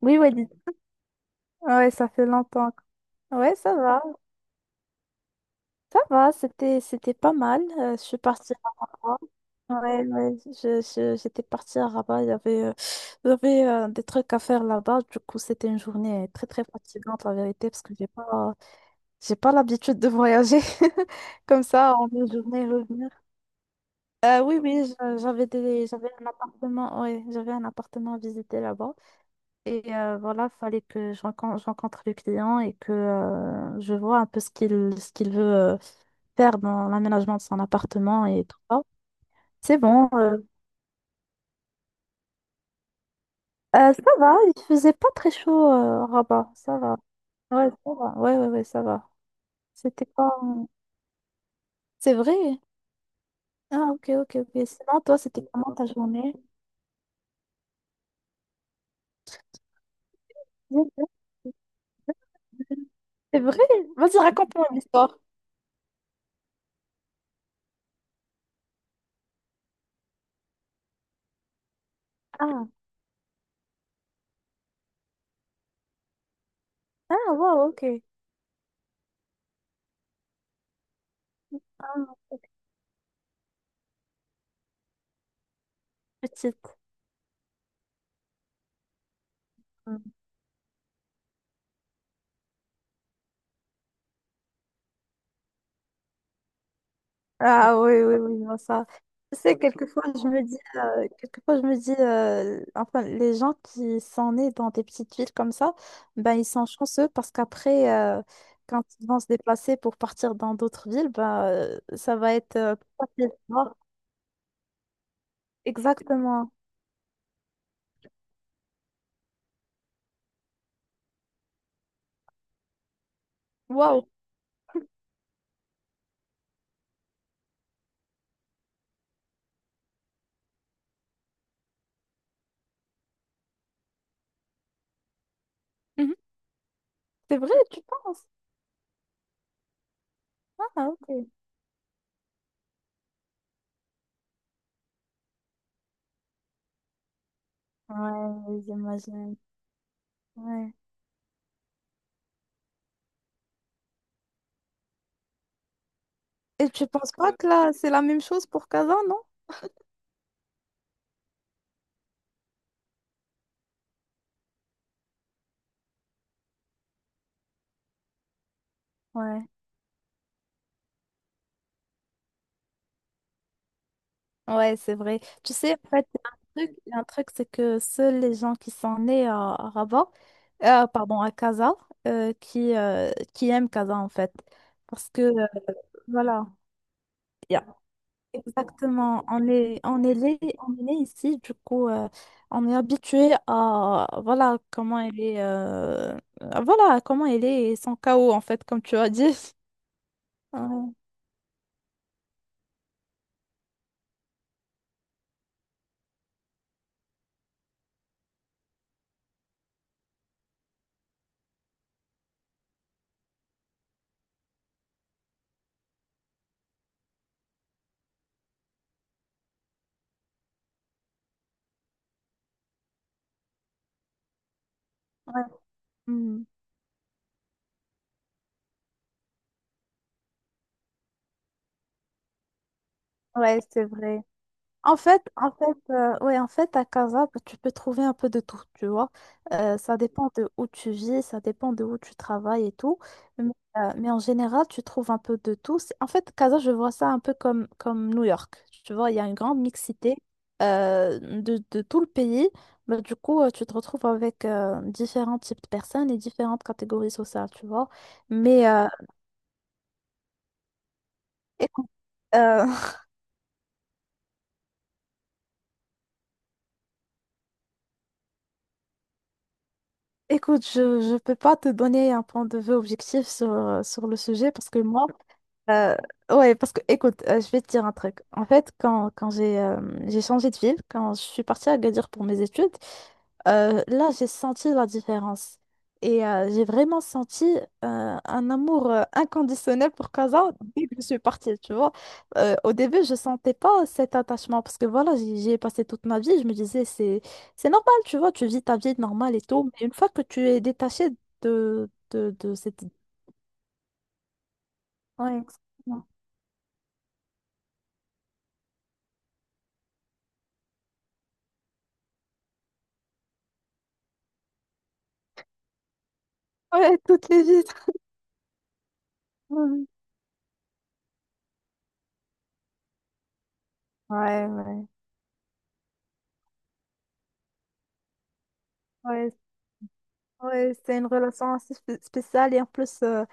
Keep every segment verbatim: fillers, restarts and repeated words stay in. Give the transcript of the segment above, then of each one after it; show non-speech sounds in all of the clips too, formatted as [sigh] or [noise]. Oui, oui dites- ouais, ça fait longtemps. Ouais, ça va, ça va, c'était c'était pas mal. Euh, je suis partie à Rabat. Ouais, ouais, je, je- j'étais partie à Rabat, il y avait, euh, il y avait euh, des trucs à faire là-bas. Du coup, c'était une journée très très fatigante, la vérité, parce que j'ai pas j'ai pas l'habitude de voyager [laughs] comme ça en une journée revenir. Euh, oui, oui, je- j'avais des j'avais un appartement, ouais, j'avais un appartement à visiter là-bas. Et euh, voilà, fallait que je rencontre, je rencontre le client et que euh, je vois un peu ce qu'il ce qu'il veut euh, faire dans l'aménagement de son appartement et tout ça. C'est bon. euh. Euh, ça va, il faisait pas très chaud, euh, Rabat. Ça va. Ouais, ça va. Ouais, ouais, ouais, ça va. C'était pas... C'est vrai? Ah, ok, ok, ok. Sinon, toi, c'était comment ta journée? C'est vrai? Vas-y, raconte-moi l'histoire. Ah, ah, wow, ok. Ah, ok, petite. Hmm. Ah oui, oui, oui, non, ça. Tu sais, quelquefois, je me dis, euh, quelquefois, je me dis, euh, enfin, les gens qui sont nés dans des petites villes comme ça, ben, ils sont chanceux parce qu'après, euh, quand ils vont se déplacer pour partir dans d'autres villes, ben, euh, ça va être euh, plus facile. Tu vois. Exactement. Waouh. Mhm. C'est vrai, tu penses? Ah, ok. Ouais, j'imagine. Ouais. Et tu penses pas que là, c'est la même chose pour Kazan, non? Ouais, c'est vrai. Tu sais, en fait, il y a un truc, il y a un truc, c'est que seuls les gens qui sont nés à, à Rabat, euh, pardon, à Casa, euh, qui, euh, qui aiment Casa, en fait. Parce que, euh, voilà, il y a- exactement, on est, on est né, on est né ici, du coup, euh, on est habitué à, voilà, comment elle est, euh, à- voilà, comment elle est et son chaos, en fait, comme tu as dit. [laughs] Ouais, ouais. Hmm. Ouais, c'est vrai. En fait, en fait, euh, ouais, en fait, à Casa, bah, tu peux trouver un peu de tout, tu vois. Euh, ça dépend de où tu vis, ça dépend de où tu travailles et tout. Mais, euh, mais en général, tu trouves un peu de tout. C'est- En fait, Casa, je vois ça un peu comme, comme New York. Tu vois, il y a une grande mixité euh, de, de tout le pays. Bah, du coup, euh, tu te retrouves avec euh, différents types de personnes et différentes catégories sociales, tu vois. Mais euh, écoute, euh, [laughs] Écoute, je ne peux pas te donner un point de vue objectif sur, euh, sur le sujet parce que moi, euh, ouais, parce que écoute, euh, je vais te dire un truc. En fait, quand, quand j'ai euh, j'ai changé de ville, quand je suis partie à Agadir pour mes études, euh, là, j'ai senti la différence. Et euh, j'ai vraiment senti euh, un amour euh, inconditionnel pour Casa dès que je suis partie, tu vois. Euh, au début, je sentais pas cet attachement parce que voilà, j'y j'y ai passé toute ma vie. Je me disais, c'est, c'est normal, tu vois, tu vis ta vie normale et tout. Mais une fois que tu es détaché de, de, de cette... Ouais, exactement. Ouais, toutes les vies. [laughs] Ouais, ouais. Ouais, ouais, c'est une relation assez spé- spéciale et en plus... euh,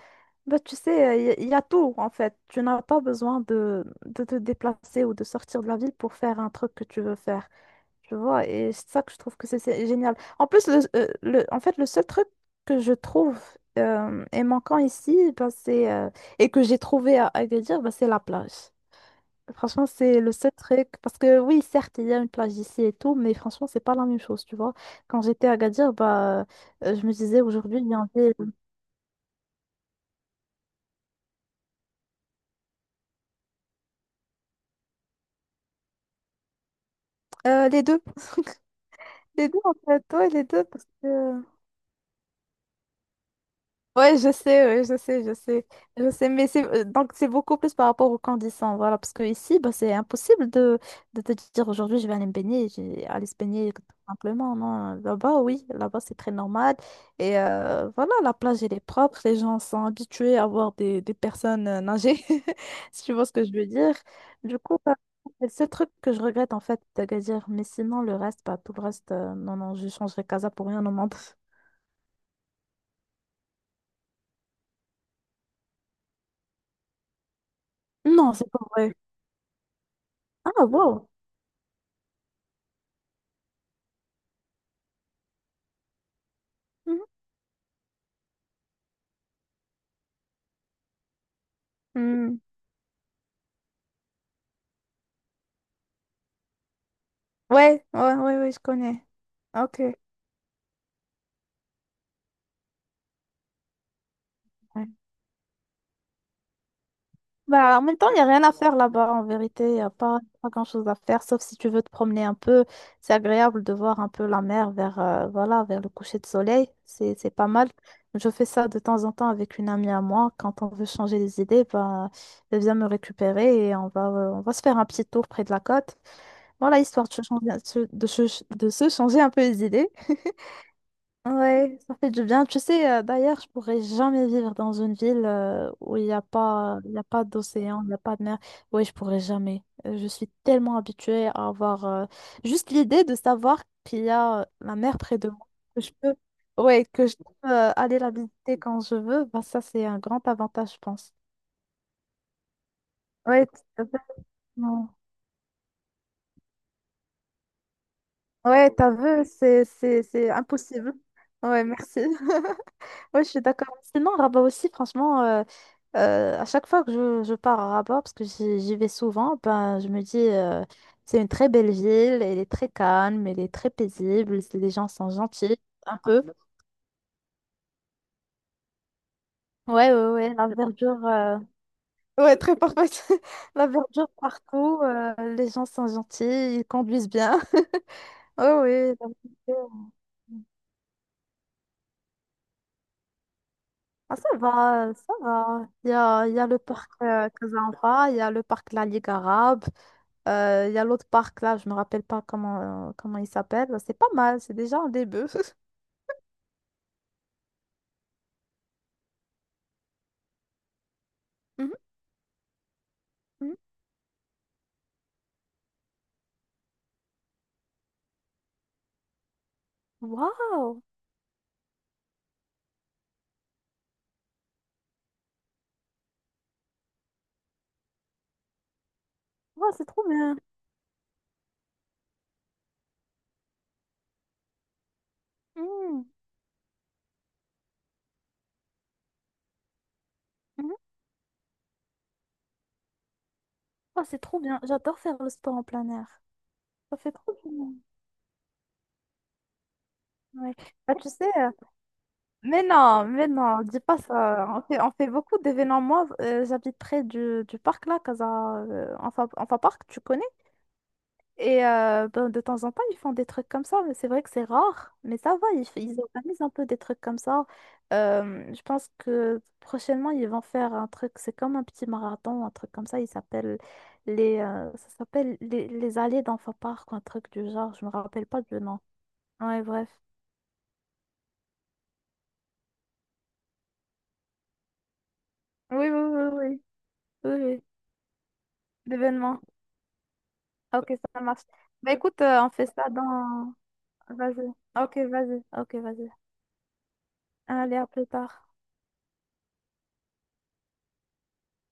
Bah, tu sais, il y, a y a tout en fait. Tu n'as pas besoin de, de te déplacer ou de sortir de la ville pour faire un truc que tu veux faire. Tu vois, et c'est ça que je trouve que c'est c'est génial. En plus, le, euh, le- en fait, le seul truc que je trouve euh, est manquant ici, bah, c'est, euh, et que j'ai trouvé à Agadir, bah, c'est la plage. Franchement, c'est le seul truc. Parce que oui, certes, il y a une plage ici et tout, mais franchement, c'est pas la même chose, tu vois. Quand j'étais à Agadir, bah, euh, je me disais aujourd'hui, il y en avait euh, les deux. [laughs] Les deux, en fait, ouais, les deux, parce que... Ouais, je sais, ouais, je sais, je sais, je sais, mais c'est... euh, Donc, c'est beaucoup plus par rapport aux conditions, voilà, parce que ici, bah, c'est impossible de... de te dire, aujourd'hui, je vais aller me baigner, j'ai aller se baigner, tout simplement, non, là-bas, oui, là-bas, c'est très normal, et euh, voilà, la plage, elle est propre, les gens sont habitués à voir des, des personnes euh, nager, [laughs] si tu vois ce que je veux dire, du coup, bah, c'est le seul truc que je regrette, en fait, d'Agadir, mais sinon, le reste, bah, tout le reste, euh, non, non, je changerai Casa pour rien au monde. Non, c'est pas vrai. Ah, wow. Mhm. Mm. Ouais, ouais, ouais, ouais, je connais. Ok. Ouais. Bah, en même temps, il n'y a rien à faire là-bas, en vérité. Il n'y a pas, pas grand-chose à faire, sauf si tu veux te promener un peu. C'est agréable de voir un peu la mer vers, euh, voilà, vers le coucher de soleil. C'est, c'est pas mal. Je fais ça de temps en temps avec une amie à moi. Quand on veut changer les idées, bah, elle vient me récupérer et on va, euh, on va se faire un petit tour près de la côte. Voilà, histoire de se changer, de se de se changer un peu les idées. [laughs] Ouais, ça fait du bien. Tu sais, euh, d'ailleurs, je pourrais jamais vivre dans une ville euh, où il n'y a pas, il y a pas d'océan, il n'y a pas de mer. Oui, je pourrais jamais. Euh, je suis tellement habituée à avoir euh, juste l'idée de savoir qu'il y a euh, la mer près de moi, que je peux, ouais, que je peux euh, aller la visiter quand je veux. Bah, ça, c'est un grand avantage, je pense. Ouais, tout à fait. Non. Ouais, t'as vu, c'est, c'est, c'est impossible. Ouais, merci. Oui, je suis d'accord. Sinon, Rabat aussi, franchement, euh, euh, à chaque fois que je, je pars à Rabat, parce que j'y j'y vais souvent, ben, je me dis, euh, c'est une très belle ville, elle est très calme, elle est très paisible, les gens sont gentils, un peu. Ouais, ouais, ouais, la verdure, euh, ouais, très parfaite. [laughs] La verdure partout, euh, les gens sont gentils, ils conduisent bien. [laughs] Oh, oui, la verdure. Ah, ça va, ça va. Il y a, il y a le parc euh, Casablanca, il y a le parc La Ligue arabe. Euh, Il y a l'autre parc là, je me rappelle pas comment, euh, comment il s'appelle. C'est pas mal, c'est déjà un début. [laughs] Mhm, mhm. Waouh! Ouais, c'est trop bien. Mhm, mhm. Oh, c'est trop bien. J'adore faire le sport en plein air. Ça fait trop du bien. Ouais. Bah, tu sais, euh, mais non, mais non, dis pas ça. On fait, on fait beaucoup d'événements. Moi, euh, j'habite près du, du parc là, Casa, euh, Enfa, Enfa Park, tu connais? Et euh, ben, de temps en temps, ils font des trucs comme ça, mais c'est vrai que c'est rare. Mais ça va, ils, ils organisent un peu des trucs comme ça. Euh, je pense que prochainement, ils vont faire un truc, c'est comme un petit marathon, un truc comme ça. Il s'appelle les, euh, ça s'appelle les, les allées d'enfants park, ou un truc du genre. Je me rappelle pas du nom. Ouais, bref. Oui, oui, oui, oui, oui, oui. L'événement. Ok, ça marche. Bah écoute, euh, on fait ça dans... Vas-y. Ok, vas-y. Ok, vas-y. Allez, à plus tard.